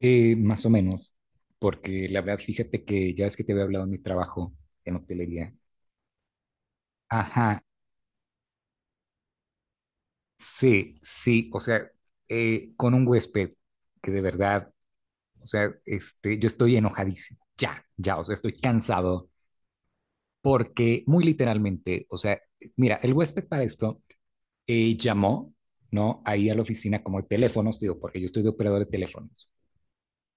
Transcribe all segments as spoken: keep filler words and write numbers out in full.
Eh, más o menos, porque la verdad, fíjate que ya es que te había hablado de mi trabajo en hotelería. Ajá, sí, sí, o sea, eh, con un huésped que de verdad, o sea, este, yo estoy enojadísimo, ya, ya, o sea, estoy cansado, porque muy literalmente, o sea, mira, el huésped para esto eh, llamó, ¿no? Ahí a la oficina como de teléfonos, digo, porque yo estoy de operador de teléfonos.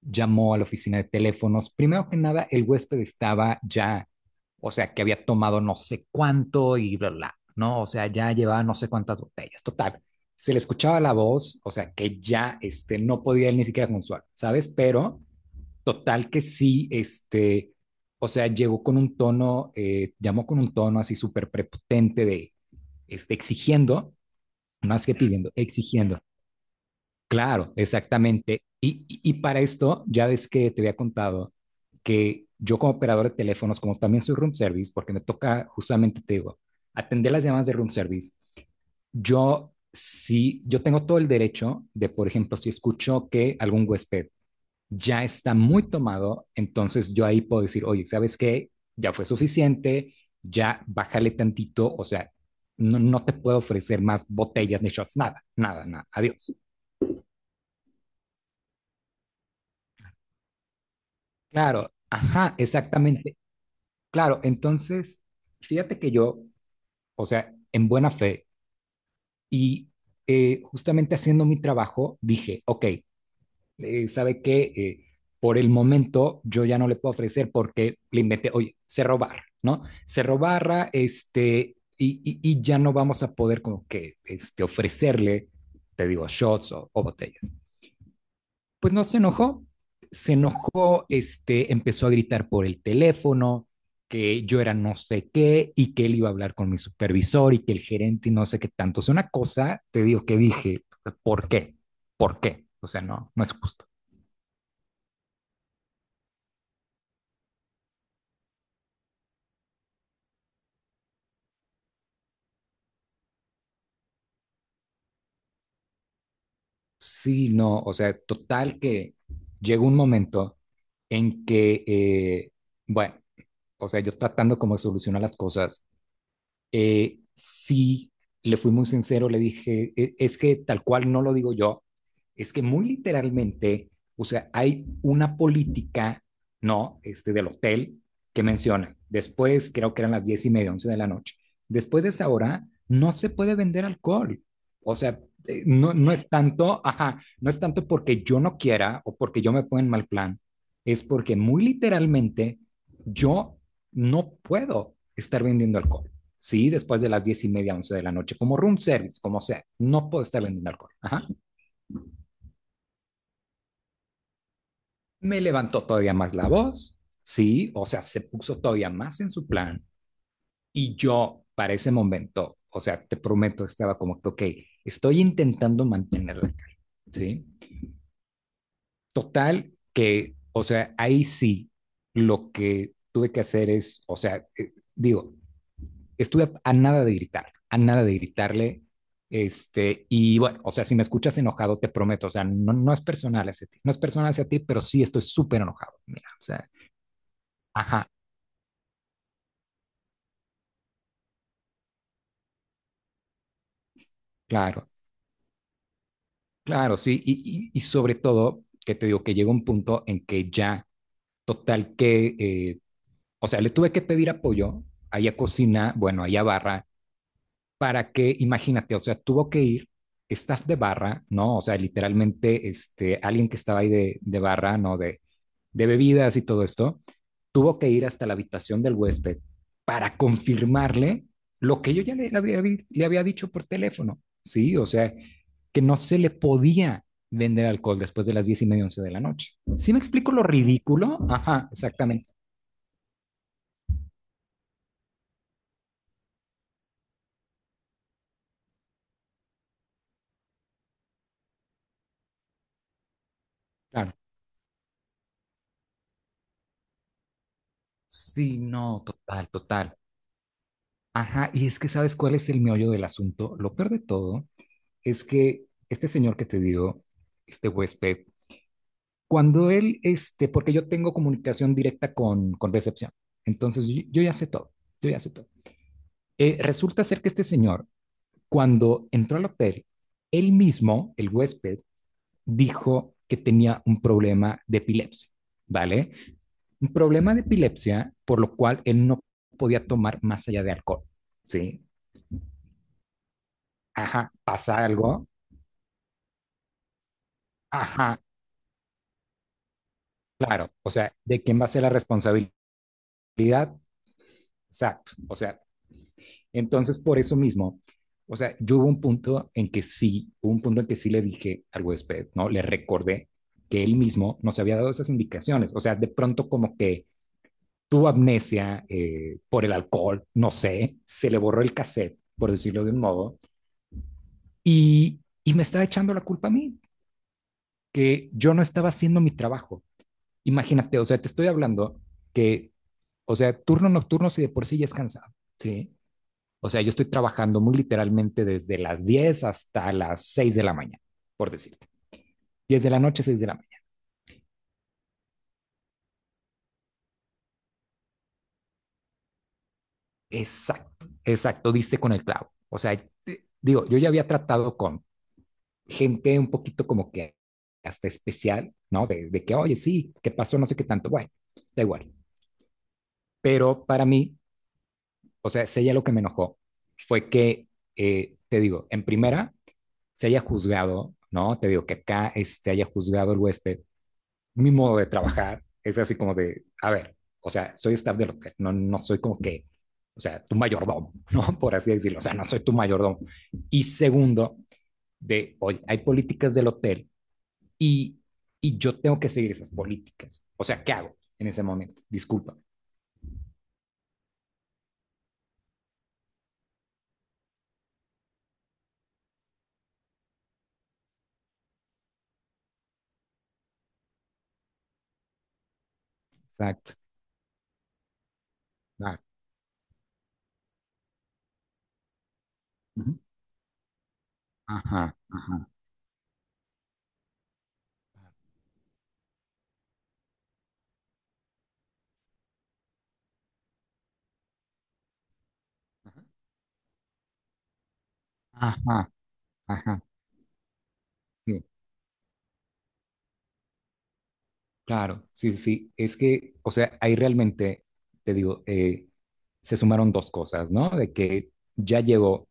Llamó a la oficina de teléfonos. Primero que nada, el huésped estaba ya, o sea, que había tomado no sé cuánto y bla, bla, ¿no? O sea, ya llevaba no sé cuántas botellas, total. Se le escuchaba la voz, o sea, que ya, este, no podía él ni siquiera consolar, ¿sabes? Pero, total que sí, este, o sea, llegó con un tono, eh, llamó con un tono así súper prepotente de, este, exigiendo, más que pidiendo, exigiendo. Claro, exactamente. Y, y- y para esto, ya ves que te había contado que yo como operador de teléfonos, como también soy room service, porque me toca justamente, te digo, atender las llamadas de room service, yo sí, yo tengo todo el derecho de, por ejemplo, si escucho que algún huésped ya está muy tomado, entonces yo ahí puedo decir, oye, ¿sabes qué? Ya fue suficiente, ya bájale tantito, o sea, no, no te puedo ofrecer más botellas ni shots, nada, nada, nada, adiós. Claro, ajá, exactamente. Claro, entonces, fíjate que yo, o sea, en buena fe y eh, justamente haciendo mi trabajo, dije, ok, eh, ¿sabe qué? Eh, por el momento yo ya no le puedo ofrecer porque le inventé, oye, Cerro Barra, ¿no? Cerro Barra, este, y, y- y ya no vamos a poder como que este, ofrecerle, te digo, shots o o botellas. Pues no se enojó, se enojó, este, empezó a gritar por el teléfono que yo era no sé qué y que él iba a hablar con mi supervisor y que el gerente y no sé qué tanto. O sea, una cosa, te digo que dije, ¿por qué? ¿Por qué? O sea, no, no es justo. Sí, no, o sea, total que llegó un momento en que, eh, bueno, o sea, yo tratando como de solucionar las cosas, eh, sí le fui muy sincero, le dije, "E, es que tal cual no lo digo yo, es que muy literalmente, o sea, hay una política, ¿no? Este del hotel que menciona, después creo que eran las diez y media, once de la noche, después de esa hora no se puede vender alcohol, o sea, eh, no, no es tanto, ajá, no es tanto porque yo no quiera o porque yo me ponga en mal plan, es porque muy literalmente yo no puedo estar vendiendo alcohol. Sí, después de las diez y media, once de la noche, como room service, como sea, no puedo estar vendiendo alcohol. Ajá. Me levantó todavía más la voz, sí, o sea, se puso todavía más en su plan. Y yo, para ese momento, o sea, te prometo, estaba como que, ok, estoy intentando mantener la calma, sí. Total, que, o sea, ahí sí, lo que tuve que hacer es, o sea, eh, digo, estuve a, nada de gritar, a nada de gritarle. Este, y bueno, o sea, si me escuchas enojado, te prometo, o sea, no, no es personal hacia ti, no es personal hacia ti, pero sí estoy súper enojado. Mira, o sea, ajá, claro, claro, sí. Y, y, y sobre todo, que te digo que llega un punto en que ya, total, que, eh, o sea, le tuve que pedir apoyo allá cocina, bueno, allá barra, para que, imagínate, o sea, tuvo que ir staff de barra, ¿no? O sea, literalmente, este, alguien que estaba ahí de, de, barra, ¿no? De, de bebidas y todo esto, tuvo que ir hasta la habitación del huésped para confirmarle lo que yo ya le, le había, le había dicho por teléfono, ¿sí? O sea, que no se le podía vender alcohol después de las diez y media, once de la noche. ¿Sí me explico lo ridículo? Ajá, exactamente. Claro. Sí, no, total, total. Ajá, y es que sabes cuál es el meollo del asunto. Lo peor de todo es que este señor que te digo, este huésped, cuando él, este, porque yo tengo comunicación directa con, con recepción, entonces yo, yo ya sé todo, yo ya sé todo. Eh, resulta ser que este señor, cuando entró al hotel, él mismo, el huésped, dijo que tenía un problema de epilepsia, ¿vale? Un problema de epilepsia, por lo cual él no podía tomar más allá de alcohol, ¿sí? Ajá, pasa algo, ajá, claro, o sea, ¿de quién va a ser la responsabilidad? Exacto, o sea, entonces, por eso mismo, o sea, yo hubo un punto en que sí, hubo un punto en que sí le dije al huésped, ¿no? Le recordé que él mismo nos había dado esas indicaciones. O sea, de pronto como que tuvo amnesia eh, por el alcohol, no sé, se le borró el cassette, por decirlo de un modo, y, y me estaba echando la culpa a mí, que yo no estaba haciendo mi trabajo. Imagínate, o sea, te estoy hablando que, o sea, turno nocturno si de por sí ya es cansado, ¿sí? O sea, yo estoy trabajando muy literalmente desde las diez hasta las seis de la mañana, por decirte. Diez de la noche, seis de la mañana. Exacto, exacto, diste con el clavo. O sea, eh, digo, yo ya había tratado con gente un poquito como que hasta especial, ¿no? De, de, que, oye, sí, ¿qué pasó? No sé qué tanto. Bueno, da igual. Pero para mí, o sea, si ella lo que me enojó fue que, eh, te digo, en primera, se haya juzgado, ¿no? Te digo que acá este, haya juzgado el huésped mi modo de trabajar es así como de, a ver, o sea, soy staff del hotel, no, no soy como que, o sea, tu mayordomo, ¿no? Por así decirlo, o sea, no soy tu mayordomo. Y segundo, de, oye, hay políticas del hotel y, y yo tengo que seguir esas políticas. O sea, ¿qué hago en ese momento? Disculpa. Exacto. Ah, ujú. Ajá, ajá, ajá, ajá, ajá. Sí. Claro, sí, sí, sí. Es que, o sea, ahí realmente, te digo, eh, se sumaron dos cosas, ¿no? De que ya llegó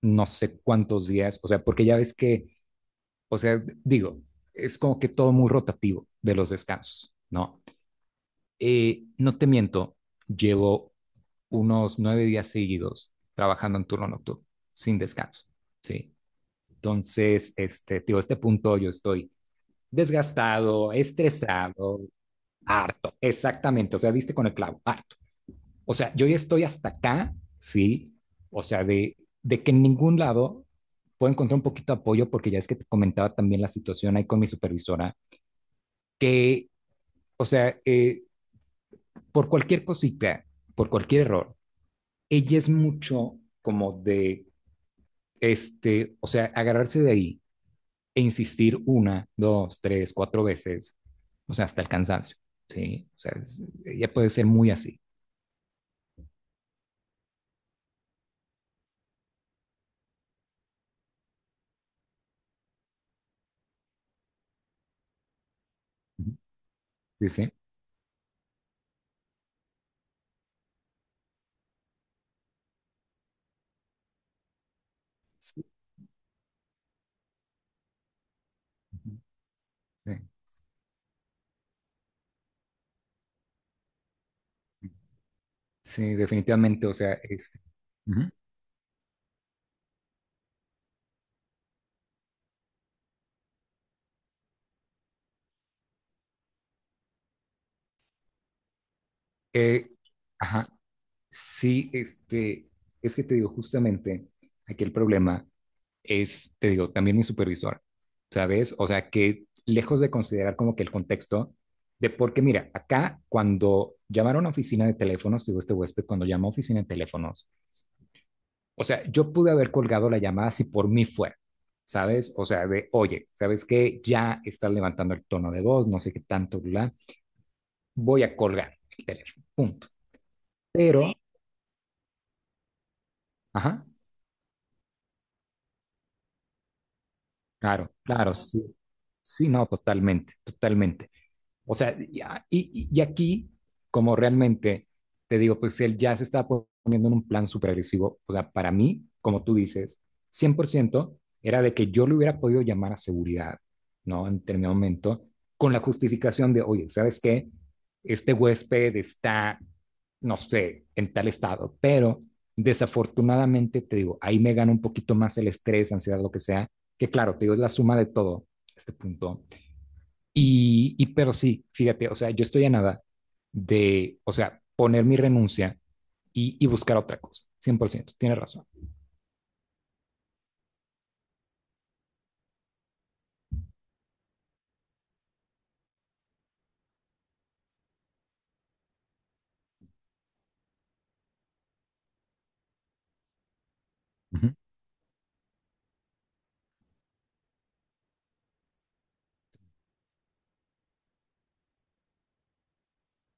no sé cuántos días, o sea, porque ya ves que, o sea, digo, es como que todo muy rotativo de los descansos, ¿no? Eh, no te miento, llevo unos nueve días seguidos trabajando en turno nocturno, sin descanso, ¿sí? Entonces, este, te digo, a este punto yo estoy desgastado, estresado, harto, exactamente, o sea, viste con el clavo, harto. O sea, yo ya estoy hasta acá, sí, o sea, de, de que en ningún lado puedo encontrar un poquito de apoyo, porque ya es que te comentaba también la situación ahí con mi supervisora, que, o sea, eh, por cualquier cosita, por cualquier error, ella es mucho como de, este, o sea, agarrarse de ahí e insistir una, dos, tres, cuatro veces, o sea, hasta el cansancio, ¿sí? O sea, es- ella puede ser muy así, ¿sí? ¿sí? Sí. Sí, sí, definitivamente, o sea, este, ujú. Eh, ajá, sí, este, es que te digo, justamente, aquí el problema es, te digo, también mi supervisor, ¿sabes? O sea, que lejos de considerar como que el contexto de, porque mira, acá cuando llamaron a oficina de teléfonos, digo, este huésped, cuando llamó a oficina de teléfonos, o sea, yo pude haber colgado la llamada si por mí fuera. ¿Sabes? O sea, de, oye, ¿sabes qué? Ya estás levantando el tono de voz, no sé qué tanto, bla. Voy a colgar el teléfono, punto. Pero, ajá, claro, claro, sí, sí, no, totalmente, totalmente. O sea, y, ah, y, y aquí, como realmente, te digo, pues él ya se está poniendo en un plan súper agresivo. O sea, para mí, como tú dices, cien por ciento era de que yo le hubiera podido llamar a seguridad, ¿no? En determinado momento, con la justificación de, oye, ¿sabes qué? Este huésped está, no sé, en tal estado, pero desafortunadamente, te digo, ahí me gana un poquito más el estrés, ansiedad, lo que sea, que claro, te digo, es la suma de todo, este punto, y, y pero sí, fíjate, o sea, yo estoy a nada de, o sea, poner mi renuncia y, y buscar otra cosa, cien por ciento, tienes razón. Ujú,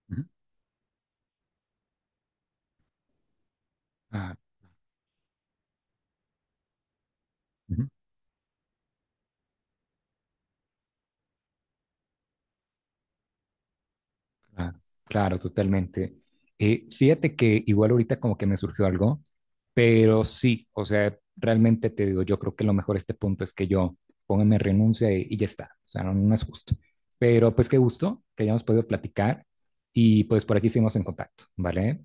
ujú, Ah, ujú. Claro, claro, totalmente. Eh, fíjate que igual ahorita como que me surgió algo, pero sí, o sea, realmente te digo, yo creo que lo mejor a este punto es que yo ponga mi renuncia y, y ya está, o sea, no, no es justo. Pero pues qué gusto que hayamos podido platicar y pues por aquí seguimos en contacto, ¿vale?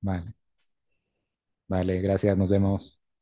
Vale, vale, gracias, nos vemos.